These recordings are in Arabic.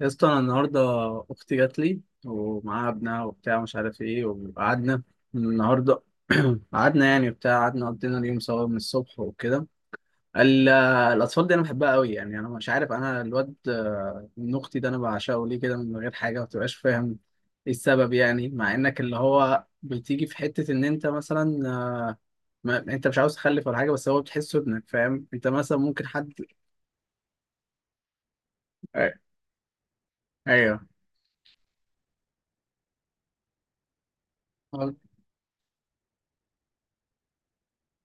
يا اسطى، انا النهارده اختي جات لي ومعاها ابنها وبتاع مش عارف ايه وقعدنا النهارده. قعدنا يعني وبتاع قعدنا قضينا اليوم سوا من الصبح وكده. ال- الاطفال دي انا بحبها قوي يعني انا مش عارف انا الواد من اختي ده انا بعشقه ليه كده من غير حاجه، ما بتبقاش فاهم ايه السبب يعني. مع انك اللي هو بتيجي في حته ان انت مثلا، آه، ما انت مش عاوز تخلف ولا حاجه، بس هو بتحسه ابنك، فاهم انت مثلا ممكن حد. أي- ايوه،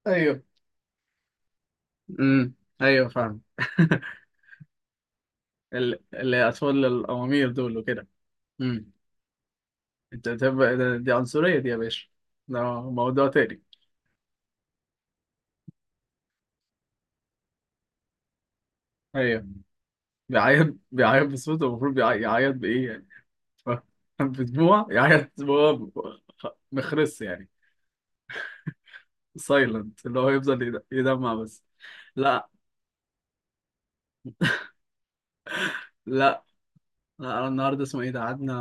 ايوه، امم، ايوه فاهم. الاطفال الامامير دول وكده. امم. انت تبقى دي عنصريه دي يا باشا، ده موضوع تاني. ايوه. بيعيط بيعيط بصوته، المفروض يعيط بايه يعني؟ ف- بدموع يعيط هو؟ مخرس يعني؟ سايلنت اللي هو يفضل يدمع بس. لا، لا، لا. أنا النهارده اسمه ايه ده قعدنا،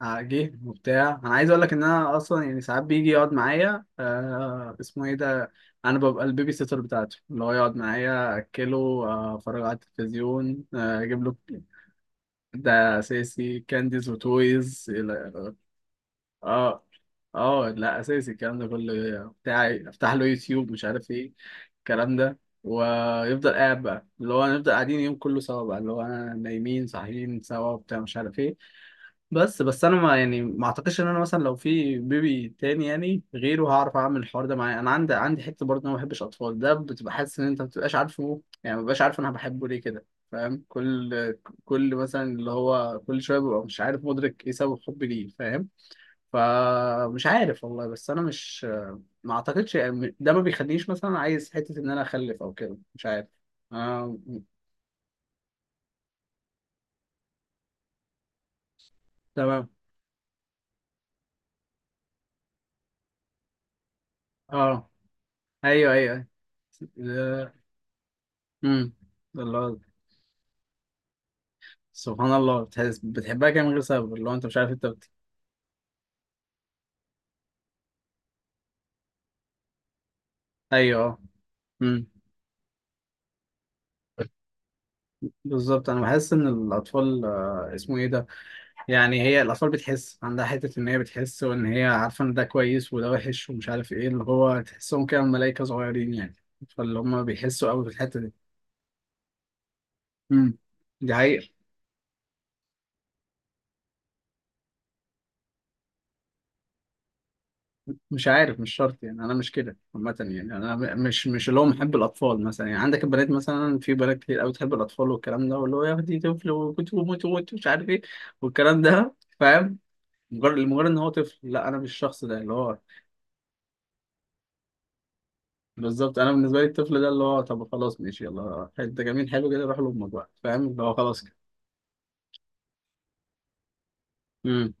جه وبتاع. انا عايز اقول لك ان انا اصلا يعني ساعات بيجي يقعد معايا اسمه ايه ده، انا ببقى البيبي سيتر بتاعته، اللي هو يقعد معايا، اكله، اتفرج على التلفزيون، اجيب له. ده اساسي كانديز وتويز اه، اه. لا اساسي الكلام ده كله بتاعي، افتح له يوتيوب مش عارف ايه، الكلام ده، ويفضل قاعد بقى اللي هو نفضل قاعدين يوم كله سوا بقى اللي هو انا نايمين صاحيين سوا وبتاع مش عارف ايه. بس انا ما يعني ما اعتقدش ان انا مثلا لو في بيبي تاني يعني غيره هعرف اعمل الحوار ده معاه. انا عندي حته برضه إن انا ما بحبش اطفال، ده بتبقى حاسس ان انت ما بتبقاش عارفه يعني، ما ببقاش عارف انا بحبه ليه كده، فاهم؟ كل مثلا اللي هو كل شويه ببقى مش عارف مدرك ايه سبب حبي ليه، فاهم؟ فمش عارف والله. بس انا مش، ما اعتقدش يعني ده ما بيخلينيش مثلا عايز حته ان انا اخلف او كده، مش عارف. آه... تمام. اه. ايوه، ايوه، امم، الله. سبحان الله، بتحس بتحبها كده من غير سبب اللي هو انت مش عارف انت ايوه، اه، امم. بالظبط انا بحس ان الاطفال اسمه ايه ده، يعني هي الاطفال بتحس، عندها حته ان هي بتحس وان هي عارفه ان ده كويس وده وحش ومش عارف ايه، اللي هو تحسهم كده ملائكه صغيرين يعني، فاللي هم بيحسوا قوي في الحته دي. امم. دي حقيقه. مش عارف، مش شرط يعني انا مش كده عامه. يعني انا مش اللي هو محب الاطفال مثلا، يعني عندك البنات مثلا، في بنات كتير قوي تحب الاطفال والكلام ده، واللي هو يا اختي طفل وكنت بموت وموت مش عارف ايه والكلام ده، فاهم؟ لمجرد ان هو طفل، لا انا مش الشخص ده اللي هو. بالظبط، انا بالنسبه لي الطفل ده اللي هو، طب خلاص ماشي يلا انت جميل حلو كده روح لامك بقى، فاهم؟ اللي هو خلاص كده. امم.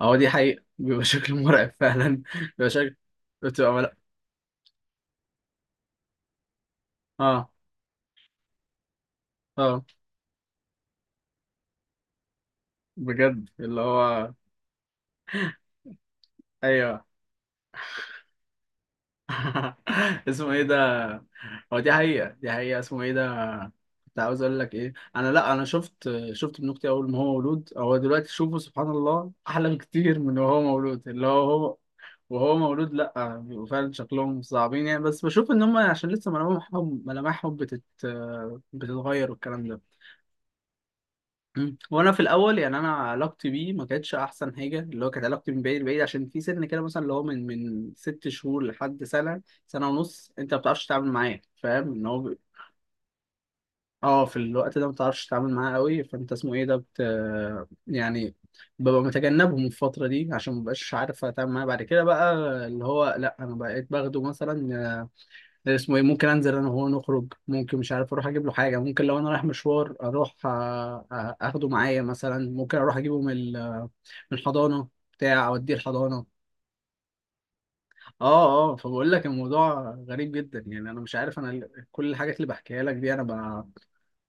اهو دي حقيقه، بيبقى شكل مرعب فعلا، بيبقى شكل، بتبقى اه، اه، بجد اللي هو. ايوه. اسمه ايه ده، هو دي حقيقة، دي حقيقة، اسمه ايه ده. كنت عاوز اقول لك ايه، انا لا انا شفت ابن اختي اول ما هو مولود، هو دلوقتي شوفه سبحان الله احلى بكتير من وهو مولود. اللي هو وهو مولود، لا بيبقوا فعلا شكلهم صعبين يعني، بس بشوف ان هم عشان لسه ملامحهم بتتغير والكلام ده. وانا في الاول يعني انا علاقتي بيه ما كانتش احسن حاجه، اللي هو كانت علاقتي من بعيد بعيد عشان في سن كده مثلا اللي هو من 6 شهور لحد سنه، سنه ونص، انت ما بتعرفش تتعامل معاه، فاهم ان هو اه في الوقت ده ما بتعرفش تتعامل معاه قوي، فانت اسمه ايه ده يعني ببقى متجنبهم الفتره دي عشان ما بقاش عارف اتعامل معاه. بعد كده بقى اللي هو، لا انا بقيت باخده مثلا، اسمه ايه، ممكن انزل انا وهو نخرج، ممكن مش عارف اروح اجيب له حاجه، ممكن لو انا رايح مشوار اروح اخده معايا مثلا، ممكن اروح اجيبه من الحضانه، بتاع اوديه الحضانه. اه، اه. فبقول لك الموضوع غريب جدا، يعني انا مش عارف انا كل الحاجات اللي بحكيها لك دي انا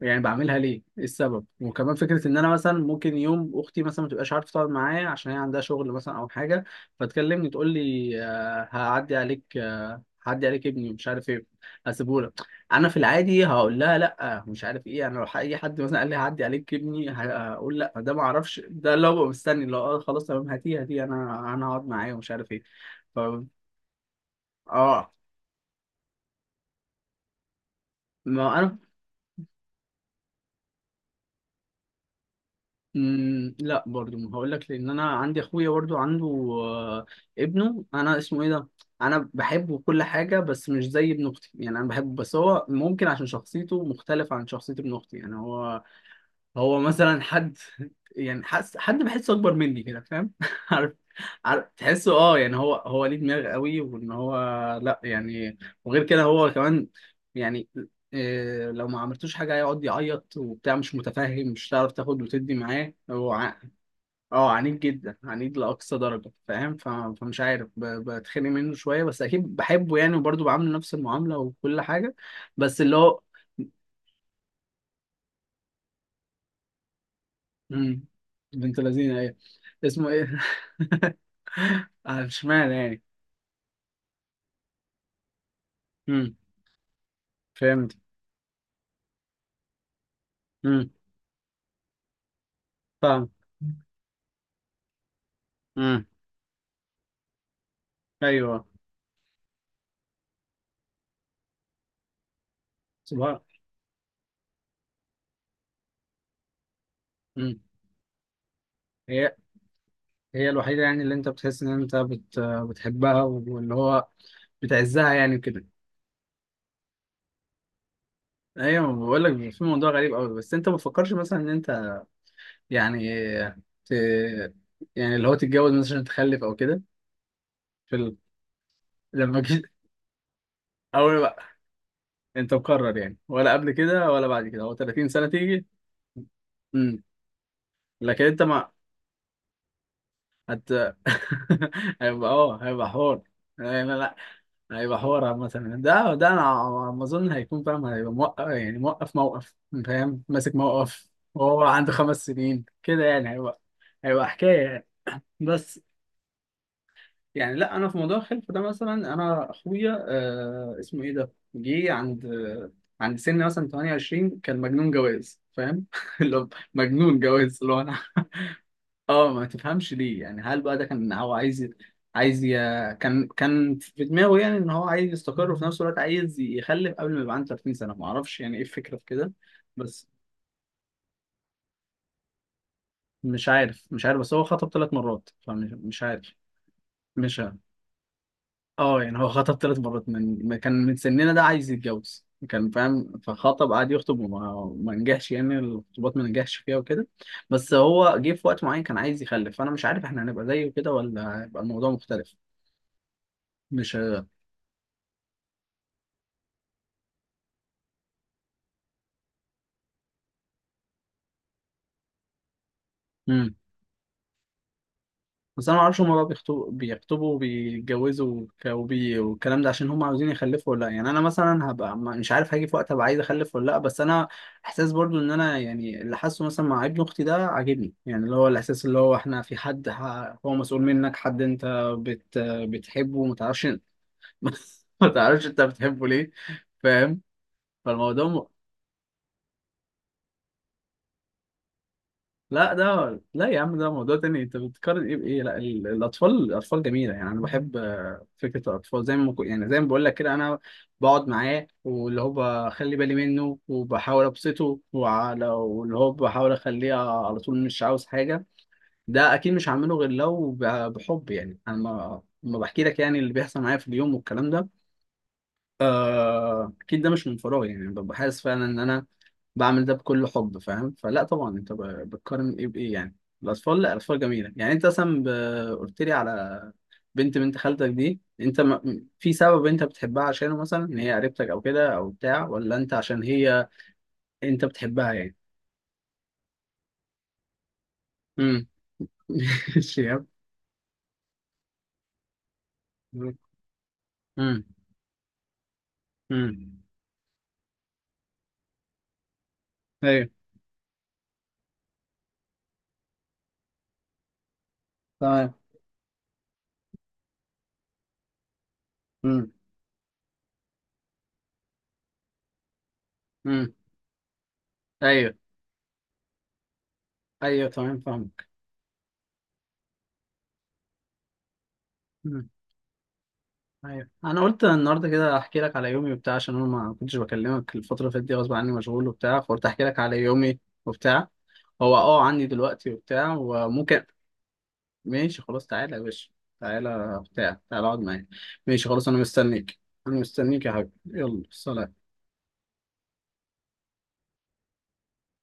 يعني بعملها ليه؟ ايه السبب؟ وكمان فكره ان انا مثلا ممكن يوم اختي مثلا ما تبقاش عارفه تقعد معايا عشان هي عندها شغل مثلا او حاجه، فتكلمني تقول لي، هعدي عليك، هعدي عليك ابني مش عارف ايه، هسيبهولك. انا في العادي هقول لها لا مش عارف ايه، انا لو اي حد مثلا قال لي هعدي عليك ابني هقول لا ده ما اعرفش، ده لو ببقى مستني لو خلاص تمام هاتيه هاتيه انا هقعد معاه ومش عارف ايه. ف اه ما انا. لا، برضو ما هقول لك، لان انا عندي اخويا برضو عنده آه، ابنه انا اسمه ايه ده، انا بحبه كل حاجه بس مش زي ابن اختي. يعني انا بحبه بس هو ممكن عشان شخصيته مختلفه عن شخصيه ابن اختي. يعني هو مثلا حد، يعني حد بحسه اكبر مني كده، فاهم؟ عارف عارف تحسه، اه يعني هو ليه دماغ قوي وان هو، لا يعني، وغير كده هو كمان يعني إيه لو ما عملتوش حاجه هيقعد يعيط وبتاع مش متفاهم، مش هتعرف تاخد وتدي معاه، هو اه، عنيد جدا، عنيد لاقصى درجه، فاهم؟ فمش عارف، بتخانق منه شويه بس اكيد بحبه يعني، وبرضه بعامله نفس المعامله وكل حاجه. بس اللي هو. مم، بنت لذينه ايه؟ اسمه ايه؟ اشمعنى يعني؟ امم. فهمت. امم. فاهم. امم. ايوه. سبحان. امم. هي، هي الوحيده يعني اللي انت بتحس ان انت بتحبها، واللي هو بتعزها يعني كده. ايوه. بقول لك في موضوع غريب قوي، بس انت ما تفكرش مثلا ان انت يعني ت... يعني اللي هو تتجوز مثلا عشان تخلف او كده؟ في لما جيت. اول بقى انت مقرر يعني، ولا قبل كده ولا بعد كده هو 30 سنه تيجي؟ امم. لكن انت ما. هت هيبقى حوار، هيبقى، لا، لا، هيبقى حوار مثلا ده انا على ما اظن هيكون فاهم، هيبقى موقف يعني موقف موقف، فاهم ماسك موقف. وهو عنده 5 سنين كده يعني هيبقى حكايه يعني. بس. يعني لا، انا في موضوع الخلف ده مثلا انا اخويا اسمه ايه ده جه عند سن مثلا 28، كان مجنون جواز، فاهم؟ اللي هو مجنون جواز اللي هو انا. اه ما تفهمش ليه يعني، هل بقى ده كان هو عايز ي... كان في دماغه يعني ان هو عايز يستقر وفي نفس الوقت عايز يخلف قبل ما يبقى عنده 30 سنة، ما اعرفش يعني ايه الفكرة في كده. بس مش عارف بس هو خطب 3 مرات، فمش مش عارف مش عارف. اه يعني هو خطب 3 مرات من ما كان من سننا ده عايز يتجوز كان فاهم؟ فخطب قعد يخطب وما ما نجحش يعني، الخطوبات ما نجحش فيها وكده. بس هو جه في وقت معين كان عايز يخلف، فانا مش عارف احنا هنبقى زيه كده ولا هيبقى الموضوع مختلف. مش امم بس انا ما اعرفش هما بقى بيخطبوا وبيتجوزوا والكلام ده عشان هما عاوزين يخلفوا ولا لا يعني. انا مثلا هبقى مش عارف، هاجي في وقت ابقى عايز اخلف ولا لا، بس انا احساس برضو ان انا يعني اللي حاسه مثلا مع ابن اختي ده عاجبني، يعني اللي هو الاحساس اللي هو احنا في حد هو مسؤول منك، حد انت بتحبه وما تعرفش. ما تعرفش انت بتحبه ليه، فاهم؟ فالموضوع. لا، ده لا يا عم ده موضوع تاني، انت بتقارن ايه بايه، لا الاطفال جميله، يعني انا بحب فكره الاطفال، زي ما يعني زي ما بقول لك كده، انا بقعد معاه واللي هو بخلي بالي منه وبحاول ابسطه واللي هو بحاول اخليه على طول مش عاوز حاجه. ده اكيد مش هعمله غير لو بحب يعني، انا ما بحكي لك يعني اللي بيحصل معايا في اليوم والكلام ده اكيد ده مش من فراغ يعني، ببقى حاسس فعلا ان انا بعمل ده بكل حب، فاهم؟ فلا طبعا، انت بتقارن ايه بايه يعني، الاطفال، لا الاطفال جميله. يعني انت مثلا قلت لي على بنت بنت خالتك دي، انت ما... في سبب انت بتحبها عشانه مثلا، ان هي قريبتك او كده او بتاع، ولا انت عشان هي، انت بتحبها يعني؟ امم. شياب. امم. امم. ايوه تمام. امم. امم. ايوه، ايوه تمام فاهمك. ايوه انا قلت النهارده كده احكي لك على يومي وبتاع، عشان انا ما كنتش بكلمك الفتره اللي فاتت دي غصب عني، مشغول وبتاع، فقلت احكي لك على يومي. وبتاع، هو عندي دلوقتي وبتاع وممكن. ماشي خلاص تعالى يا باشا، تعالى بتاع، تعالى اقعد معايا. ماشي خلاص انا مستنيك. انا مستنيك يا حبيبي، يلا سلام.